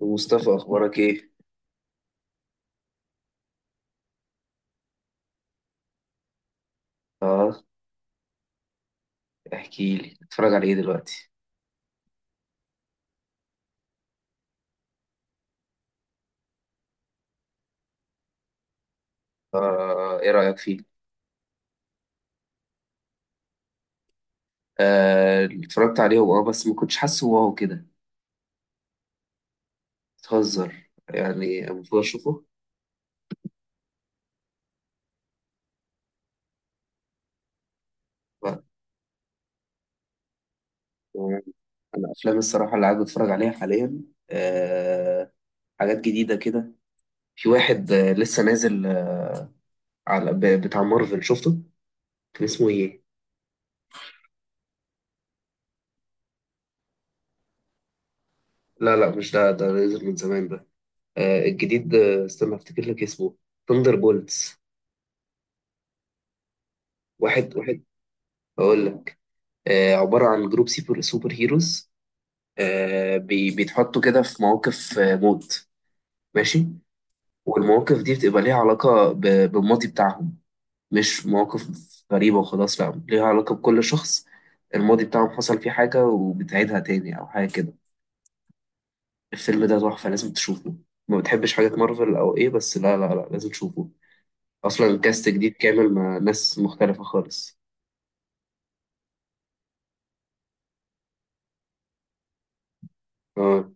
مصطفى، اخبارك ايه؟ اه، احكي لي، اتفرج على ايه دلوقتي؟ اه، ايه رايك فيه؟ آه، اتفرجت عليه، اه، بس ما كنتش حاسه واو كده. بتهزر يعني؟ المفروض اشوفه. لا. آه، انا افلام الصراحه اللي قاعد بتفرج عليها حاليا، آه حاجات جديده كده. في واحد لسه نازل، على بتاع مارفل شفته. كان اسمه ايه؟ لا لا، مش ده، ده نازل من زمان ده. الجديد، استنى افتكر لك اسمه. ثاندر بولتس. واحد واحد، هقول لك. عبارة عن جروب سوبر سوبر هيروز، بيتحطوا كده في مواقف موت. ماشي. والمواقف دي بتبقى ليها علاقة بالماضي بتاعهم، مش مواقف غريبة وخلاص، لا، ليها علاقة بكل شخص. الماضي بتاعهم حصل فيه حاجة وبتعيدها تاني أو حاجة كده. الفيلم ده تحفة، لازم تشوفه. ما بتحبش حاجات مارفل أو إيه؟ بس لا لا لا، لازم تشوفه. أصلا الكاست جديد كامل مع ناس مختلفة خالص. اه.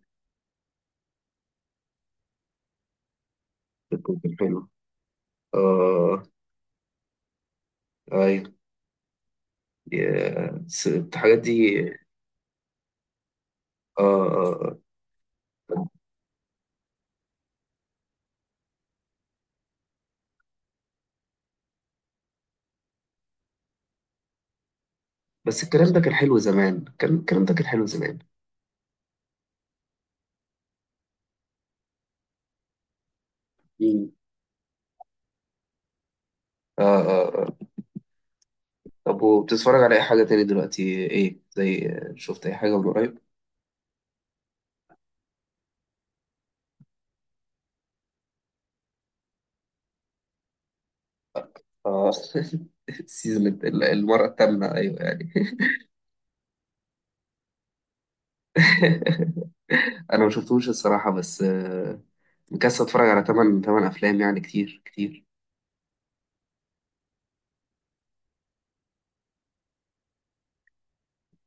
بتكون حلو. اه. ايوه. يا- الحاجات دي. آه آه آه. بس الكلام ده كان حلو زمان، كان الكلام ده كان حلو زمان. مم. آه آه آه. طب، وبتتفرج على أي حاجة تاني دلوقتي؟ إيه زي، شفت أي حاجة من قريب؟ آه. السيزون المرة التامنة، أيوه يعني. أنا ما شفتوش الصراحة، بس مكسل أتفرج على تمن تمن أفلام، يعني كتير كتير.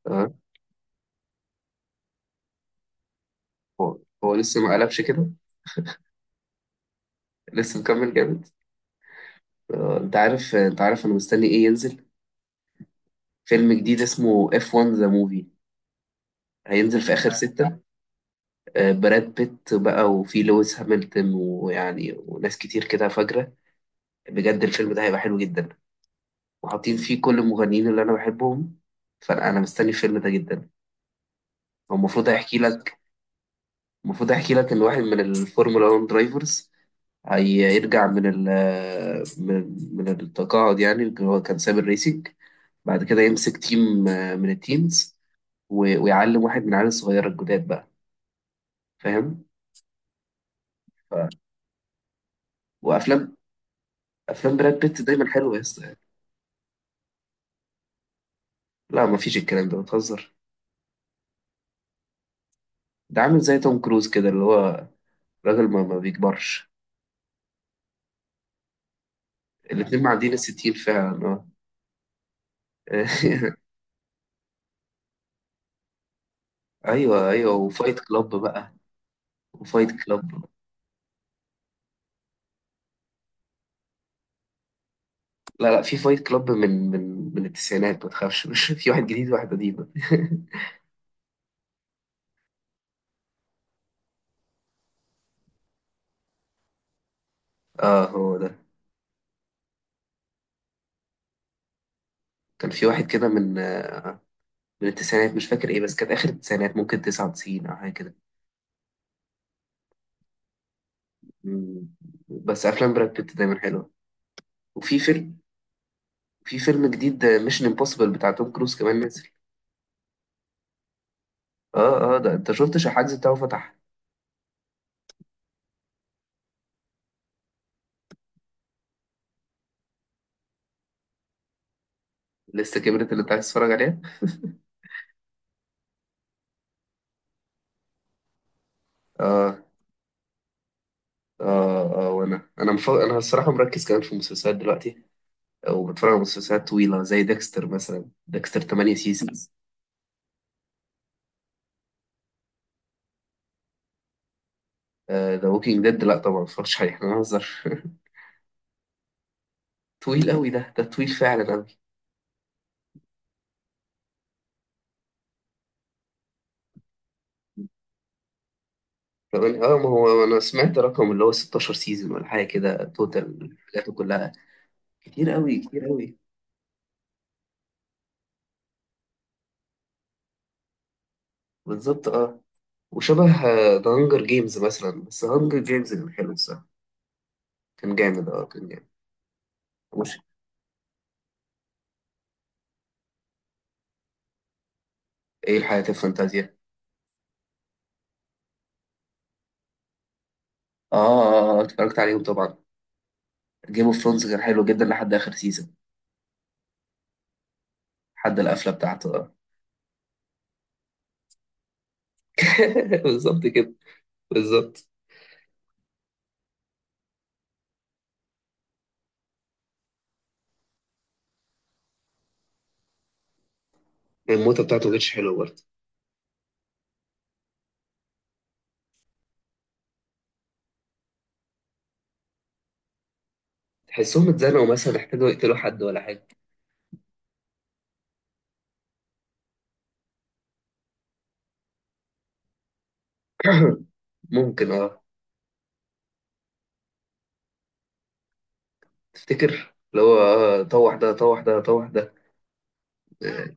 آه هو هو لسه ما قلبش كده. لسه مكمل جامد. أنت عارف أنا مستني إيه ينزل. فيلم جديد اسمه F1 The Movie، هينزل في آخر ستة. براد بيت بقى وفي لويس هامilton ويعني وناس كتير كده فجرة. بجد الفيلم ده هيبقى حلو جدا، وحاطين فيه كل المغنيين اللي أنا بحبهم. فأنا مستني الفيلم ده جدا. هو المفروض هيحكي لك. المفروض هيحكي لك إن واحد من الفورمولا 1 درايفرز هيرجع من ال من من التقاعد، يعني اللي هو كان ساب الريسنج، بعد كده يمسك تيم من التيمز، ويعلم واحد من العيال الصغيرة الجداد بقى. فاهم؟ ف- وأفلام براد بيت دايما حلوة يا اسطى. لا، مفيش الكلام ده، بتهزر. ده عامل زي توم كروز كده، اللي هو راجل ما بيكبرش. الاتنين معديين الستين فعلا، اه. ايوه ايوه، وفايت كلاب بقى. وفايت كلاب. لا لا، في فايت كلاب من من التسعينات، ما تخافش. مش في واحد جديد وواحد قديم. اه، هو ده. كان في واحد كده من التسعينات، مش فاكر ايه، بس كانت اخر التسعينات، ممكن 99 او حاجه كده. مم. بس افلام براد بيت دايما حلوه. وفي فيلم في فيلم جديد ميشن امبوسيبل بتاع توم كروز كمان نازل. اه اه، ده انت شفتش الحجز بتاعه فتح. لسه كبرت اللي انت عايز تتفرج عليه. اه اه اه، وانا انا الصراحه مركز كمان في المسلسلات دلوقتي، وبتفرج على مسلسلات طويله زي ديكستر مثلا، ديكستر 8 سيزونز. ذا ووكينج ديد لا طبعا، ما اتفرجتش عليه، احنا بنهزر. طويل قوي ده طويل فعلا قوي. اه، ما هو انا سمعت رقم اللي هو 16 سيزون ولا حاجه كده، توتال حاجاته كلها، كتير قوي كتير قوي. بالظبط، اه. وشبه ذا هانجر جيمز مثلا، بس هانجر جيمز كان حلو الصراحه. كان جامد، اه، كان جامد. مش، ايه الحياة الفانتازيا؟ اه، اتفرجت عليهم طبعا. جيم اوف ثرونز كان حلو جدا لحد اخر سيزون. لحد القفله بتاعته. آه. بالظبط كده. بالظبط. الموتة بتاعته ما كانتش حلوه برضه. تحسهم اتزنقوا، مثلا احتاجوا يقتلوا حد ولا حاجه. ممكن، اه. تفتكر اللي هو، اه، طوح ده طوح ده طوح ده. آه،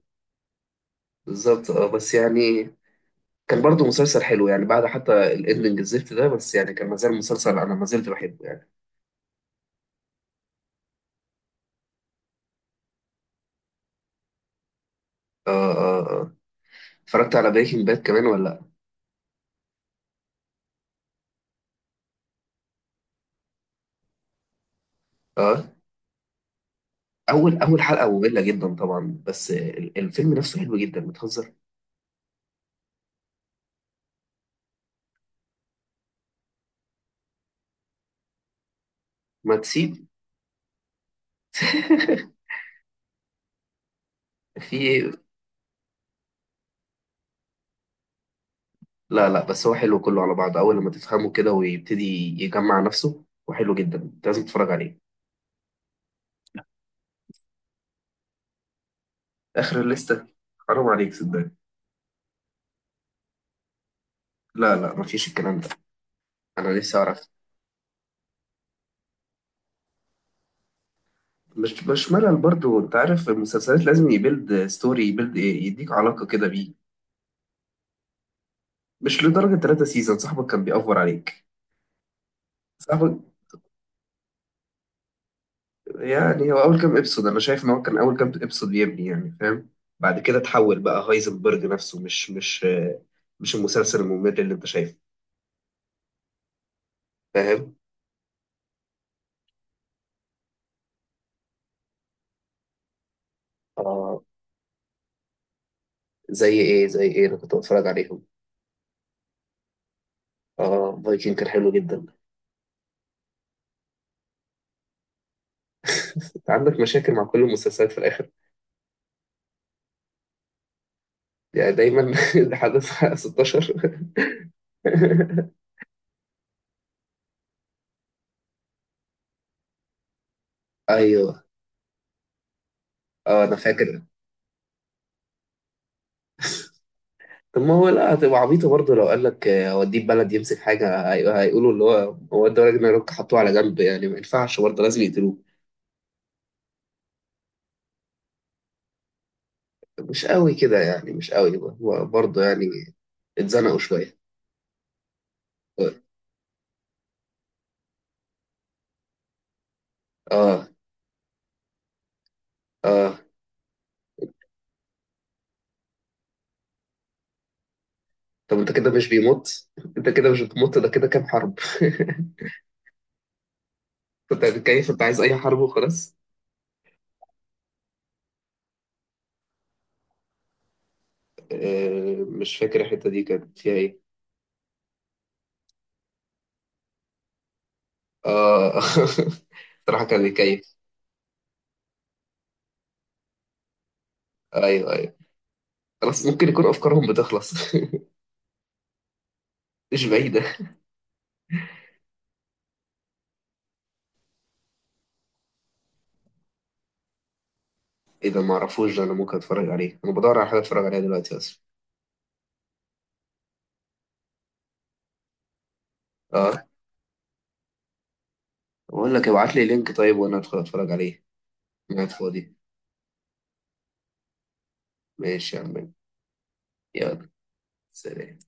بالظبط، اه، بس يعني كان برضه مسلسل حلو، يعني بعد حتى الاندنج الزفت ده، بس يعني كان مازال مسلسل، انا ما زلت بحبه يعني. اه اه اه، اتفرجت على بريكنج باد كمان ولا لأ؟ آه. اول حلقه ممله جدا طبعا، بس الفيلم نفسه حلو جدا، بتهزر. ما تسيب. في إيه؟ لا لا، بس هو حلو كله على بعضه، اول لما تفهمه كده ويبتدي يجمع نفسه، وحلو جدا، انت لازم تتفرج عليه. اخر الليسته؟ حرام عليك، صدقني. لا لا، مفيش الكلام ده. انا نفسي اعرف. مش ملل برضه، انت عارف المسلسلات لازم يبيلد ستوري، يبيلد يديك علاقه كده بيه. مش لدرجه ثلاثة سيزون صاحبك كان بيأفور عليك. صاحبك، يعني هو اول كام ابسود، انا شايف ان هو كان اول كام ابسود يبني، يعني فاهم؟ بعد كده تحول بقى هايزنبرج نفسه، مش المسلسل الممل اللي انت شايفه. فاهم. اه، زي ايه انا كنت بتفرج عليهم. اه، فايكنج كان حلو جدا. انت عندك مشاكل مع كل المسلسلات في الاخر، يعني دايما. لحد الساعه 16. ايوه، اه انا فاكر. طب ما هو لا، هتبقى عبيطة برضه لو قال لك اوديه بلد يمسك حاجة، هيقولوا اللي هو ادى راجل نيرويورك حطوه على جنب، يعني ما ينفعش، برضه لازم يقتلوه. مش قوي كده يعني، مش قوي هو برضه يعني. اتزنقوا شوية. اه اه. طب انت كده مش بيموت؟ انت كده مش بتموت، ده كده كام حرب. انت كيف، انت عايز اي حرب وخلاص. مش فاكر الحتة دي كانت فيها ايه. اه. صراحة كان بيكيف. ايوه ايوه، خلاص ممكن يكون افكارهم بتخلص. مش بعيدة. ايه ده؟ ما اعرفوش ده، انا ممكن اتفرج عليه، انا بدور على حاجه اتفرج عليها دلوقتي اصلا. اه، بقول لك ابعت لي لينك طيب، وانا ادخل اتفرج عليه. انا قاعد فاضي. ماشي يا عم، يلا، سلام.